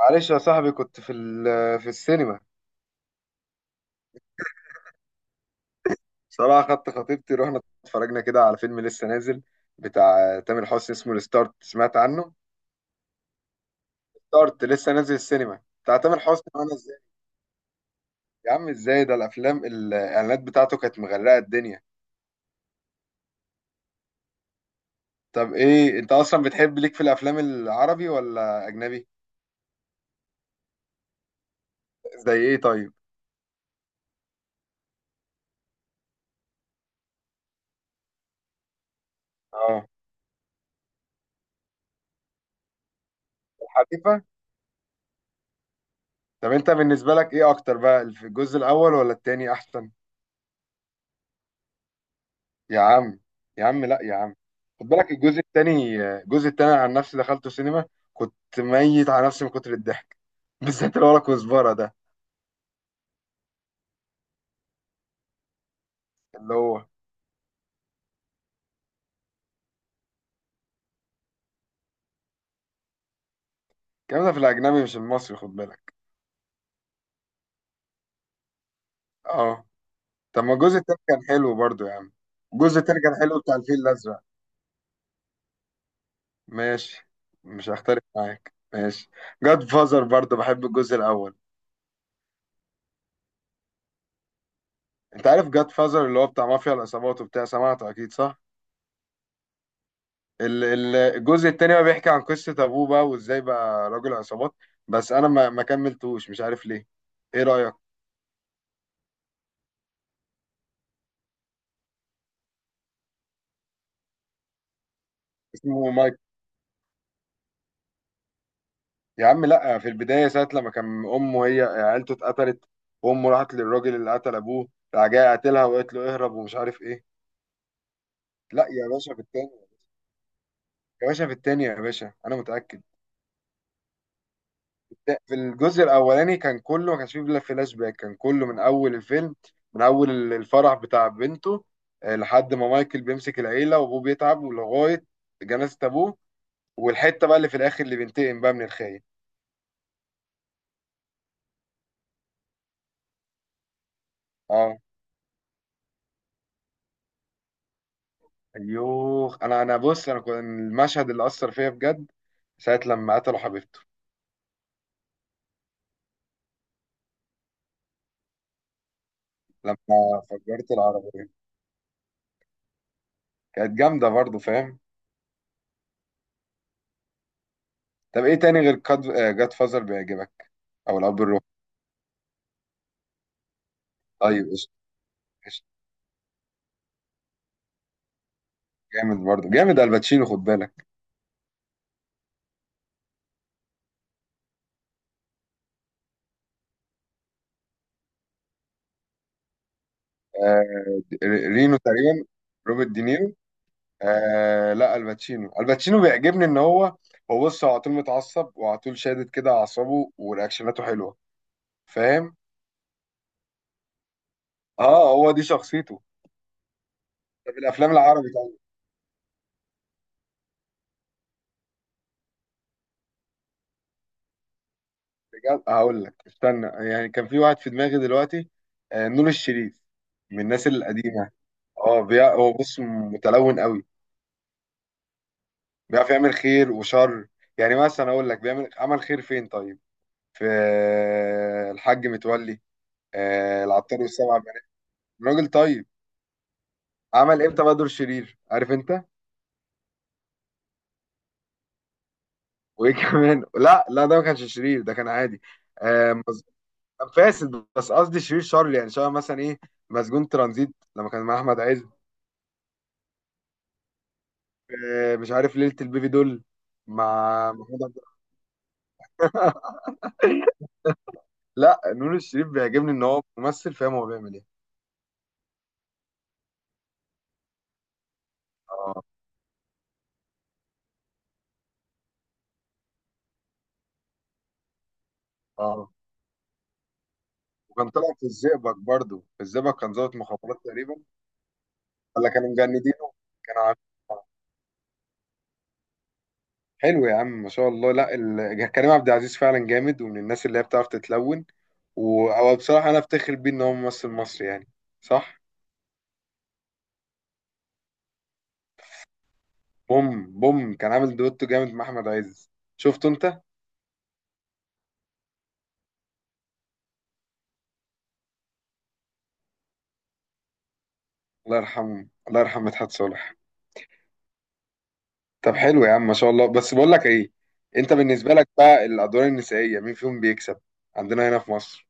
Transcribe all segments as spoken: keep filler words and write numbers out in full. معلش يا صاحبي، كنت في ال- في السينما. صراحة خدت خطيبتي، رحنا اتفرجنا كده على فيلم لسه نازل بتاع تامر حسني اسمه الستارت، سمعت عنه؟ ستارت لسه نازل السينما بتاع تامر حسني، وانا ازاي؟ يا عم ازاي؟ ده الافلام، الاعلانات بتاعته كانت مغرقة الدنيا. طب ايه؟ انت اصلا بتحب ليك في الافلام العربي ولا اجنبي؟ زي ايه طيب؟ اه، الحريفة. طب انت بالنسبة لك ايه اكتر بقى، الجزء الاول ولا التاني احسن؟ يا عم. يا عم لا يا عم، خد بالك الجزء التاني. الجزء التاني عن نفسي دخلته سينما، كنت ميت على نفسي من كتر الضحك بالذات اللي ورا كزبرة ده. اللي هو الكلام ده في الأجنبي مش المصري، خد بالك. اه. طب ما الجزء التاني كان حلو برضو يا عم. الجزء التاني كان حلو بتاع الفيل الأزرق. ماشي. مش هختلف معاك، ماشي. جاد فازر برضو بحب الجزء الأول. أنت عارف جاد فازر اللي هو بتاع مافيا العصابات وبتاع، سمعته أكيد صح؟ ال- ال- الجزء التاني بقى بيحكي عن قصة أبوه بقى، وإزاي بقى راجل عصابات. بس أنا ما ما كملتوش، مش عارف ليه. إيه رأيك؟ اسمه مايك. يا عم لأ، في البداية ساعة لما كان أمه هي عيلته اتقتلت، وأمه راحت للراجل اللي قتل أبوه، راح جاي قاتلها وقالت له اهرب ومش عارف إيه. لأ يا باشا في التاني. يا باشا في التاني، يا باشا أنا متأكد. ده في الجزء الاولاني كان كله، ما كانش فيه الا فلاش باك، كان كله من اول الفيلم، من اول ال- الفرح بتاع بنته، آه، لحد ما مايكل بيمسك العيله وابوه بيتعب، ولغايه جنازه ابوه، والحته بقى اللي في الاخر اللي بينتقم بقى من الخاين. اه. ايوه، انا انا بص، انا كنت المشهد اللي اثر فيا بجد ساعه لما قتلوا حبيبته، لما فجرت العربيه، كانت جامده برضو، فاهم؟ طب ايه تاني غير جاد فازر بيعجبك؟ او الاب الروحي؟ طيب قشطه. قشطة. جامد برضو، جامد الباتشينو، خد بالك. آه، رينو تقريبا. روبرت دينيرو. آه لا، الباتشينو، الباتشينو بيعجبني ان هو، هو بص، هو على طول متعصب وعلى طول شادد كده اعصابه، ورياكشناته حلوه، فاهم. اه، هو دي شخصيته. طب الافلام العربي طيب؟ بجد هقول لك، استنى يعني، كان في واحد في دماغي دلوقتي. آه، نور الشريف. من الناس القديمه. اه، بيع... هو بص متلون قوي، بيعرف يعمل خير وشر. يعني مثلا اقول لك بيعمل عمل خير فين طيب؟ في آه، الحاج متولي، آه، العطار والسبع بنات، الراجل طيب. عمل امتى بقى دور شرير، عارف انت؟ وايه كمان؟ لا لا، ده ما كانش شرير، ده كان عادي. آه مز... كان فاسد، بس قصدي شرير شر يعني، شبه مثلا ايه، مسجون ترانزيت، لما كان مع احمد عز. آه، مش عارف، ليلة البيبي دول مع محمود عبد. لا، نور الشريف بيعجبني ان هو ممثل، فاهم هو بيعمل ايه. اه، اه. وكان طلع في الزئبق برضو، في الزئبق كان ضابط مخابرات تقريبا. ولا كانوا مجندينه؟ كانوا عارفين. حلو يا عم، ما شاء الله. لا ال... كريم عبد العزيز فعلا جامد، ومن الناس اللي هي بتعرف تتلون. و... أو بصراحة أنا أفتخر بيه إن هو ممثل مصري يعني. صح. بوم بوم كان عامل دويتو جامد مع أحمد عز. شفته أنت؟ الله يرحمه، الله يرحم مدحت صالح. طب حلو يا عم، ما شاء الله، بس بقول لك إيه، أنت بالنسبة لك بقى الأدوار النسائية مين فيهم بيكسب؟ عندنا هنا في مصر.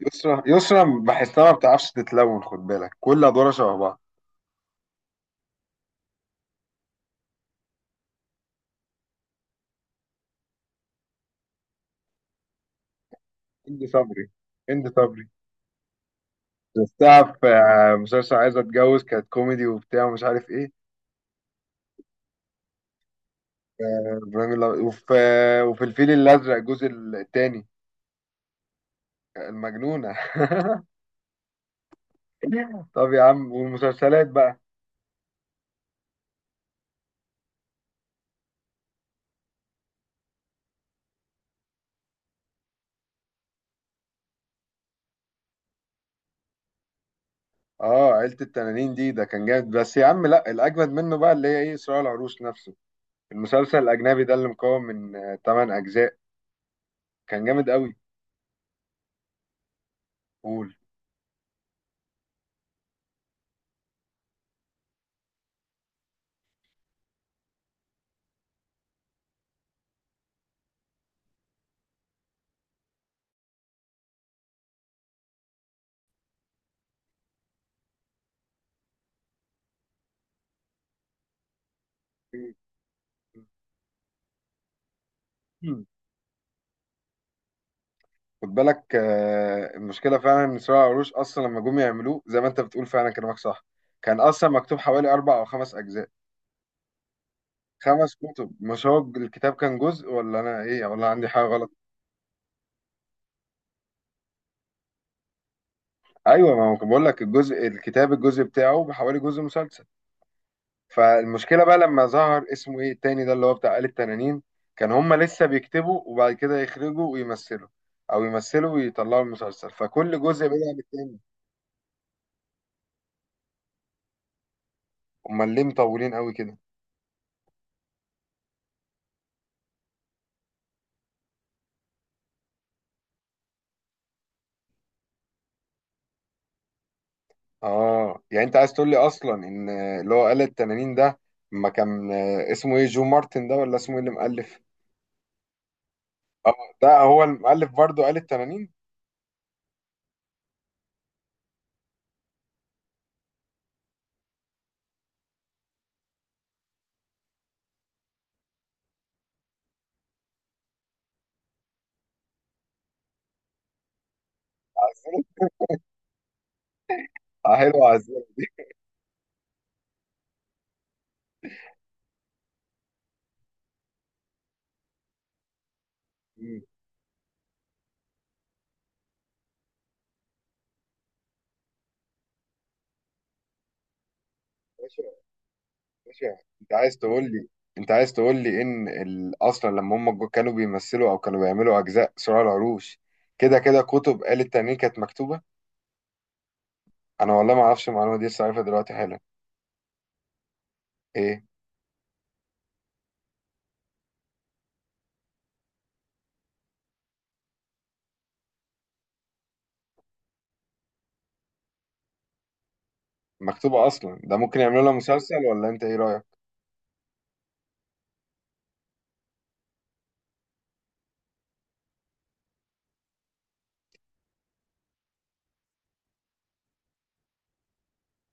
يسرا. يسرا بحسها ما بتعرفش تتلون، خد بالك، كل أدوارها شبه بعض. هند صبري. هند صبري. شفتها في آه، مسلسل عايز اتجوز، كانت كوميدي وبتاع ومش عارف ايه. آه، ابراهيم الأبيض. وفي آه، وفي الفيل الازرق الجزء الثاني. المجنونه طب يا عم، والمسلسلات بقى؟ اه، عيله التنانين دي، ده كان جامد، بس يا عم لا، الاجمد منه بقى اللي هي ايه، صراع العروش نفسه، المسلسل الاجنبي ده اللي مكون من 8 اجزاء، كان جامد قوي. قول. خد بالك، آه، المشكله فعلا ان سرايا قروش اصلا لما جم يعملوه زي ما انت بتقول فعلا كلامك صح. كان اصلا مكتوب حوالي اربع او خمس اجزاء. خمس كتب، مش هو الكتاب كان جزء، ولا انا ايه، ولا عندي حاجه غلط؟ ايوه، ما هو كان بقول لك، الجزء الكتاب الجزء بتاعه بحوالي جزء مسلسل. فالمشكله بقى لما ظهر اسمه ايه التاني ده اللي هو بتاع آل التنانين، كان هما لسه بيكتبوا وبعد كده يخرجوا ويمثلوا، او يمثلوا ويطلعوا المسلسل فكل جزء بدل التاني. امال ليه مطولين قوي كده؟ اه، يعني انت عايز تقول لي اصلا ان اللي هو آلة التنانين ده، ما كان اسمه ايه، جو مارتن ده، ولا اسمه ايه اللي مؤلف. اه. ده هو المؤلف برضه آلة التنانين. اه، حلو عزيز. مم. باشا. باشا انت عايز تقول لي، انت عايز تقول لي ان ال... اصلا لما هم جو- كانوا بيمثلوا او كانوا بيعملوا اجزاء صراع العروش، كده كده كتب آلة التنانين كانت مكتوبة. انا والله ما اعرفش المعلومة دي، لسه عارفها دلوقتي حالا. ايه؟ مكتوبة اصلا، ده ممكن يعملوا لها مسلسل ولا انت ايه رأيك؟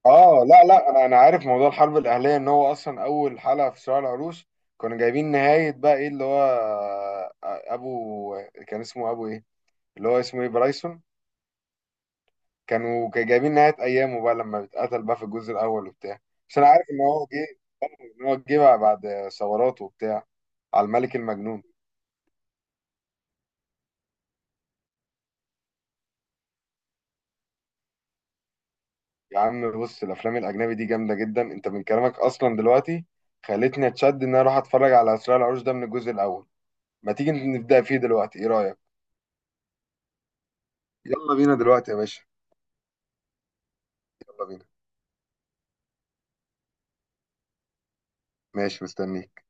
اه لا لا، انا انا عارف موضوع الحرب الاهليه، ان هو اصلا اول حلقه في صراع العروش كانوا جايبين نهايه بقى ايه اللي هو آه، آه، ابو، كان اسمه ابو ايه، اللي هو اسمه ايه برايسون، كانوا كانوا جايبين نهايه ايامه بقى لما اتقتل بقى في الجزء الاول وبتاع. بس انا عارف ان هو جه، ان هو جه بقى بعد ثورات وبتاع، على الملك المجنون. يا عم بص، الافلام الاجنبي دي جامده جدا، انت من كلامك اصلا دلوقتي خلتني اتشد ان انا اروح اتفرج على صراع العروش ده من الجزء الاول. ما تيجي نبدا فيه دلوقتي، ايه رايك؟ يلا بينا دلوقتي يا باشا. يلا بينا. ماشي، مستنيك.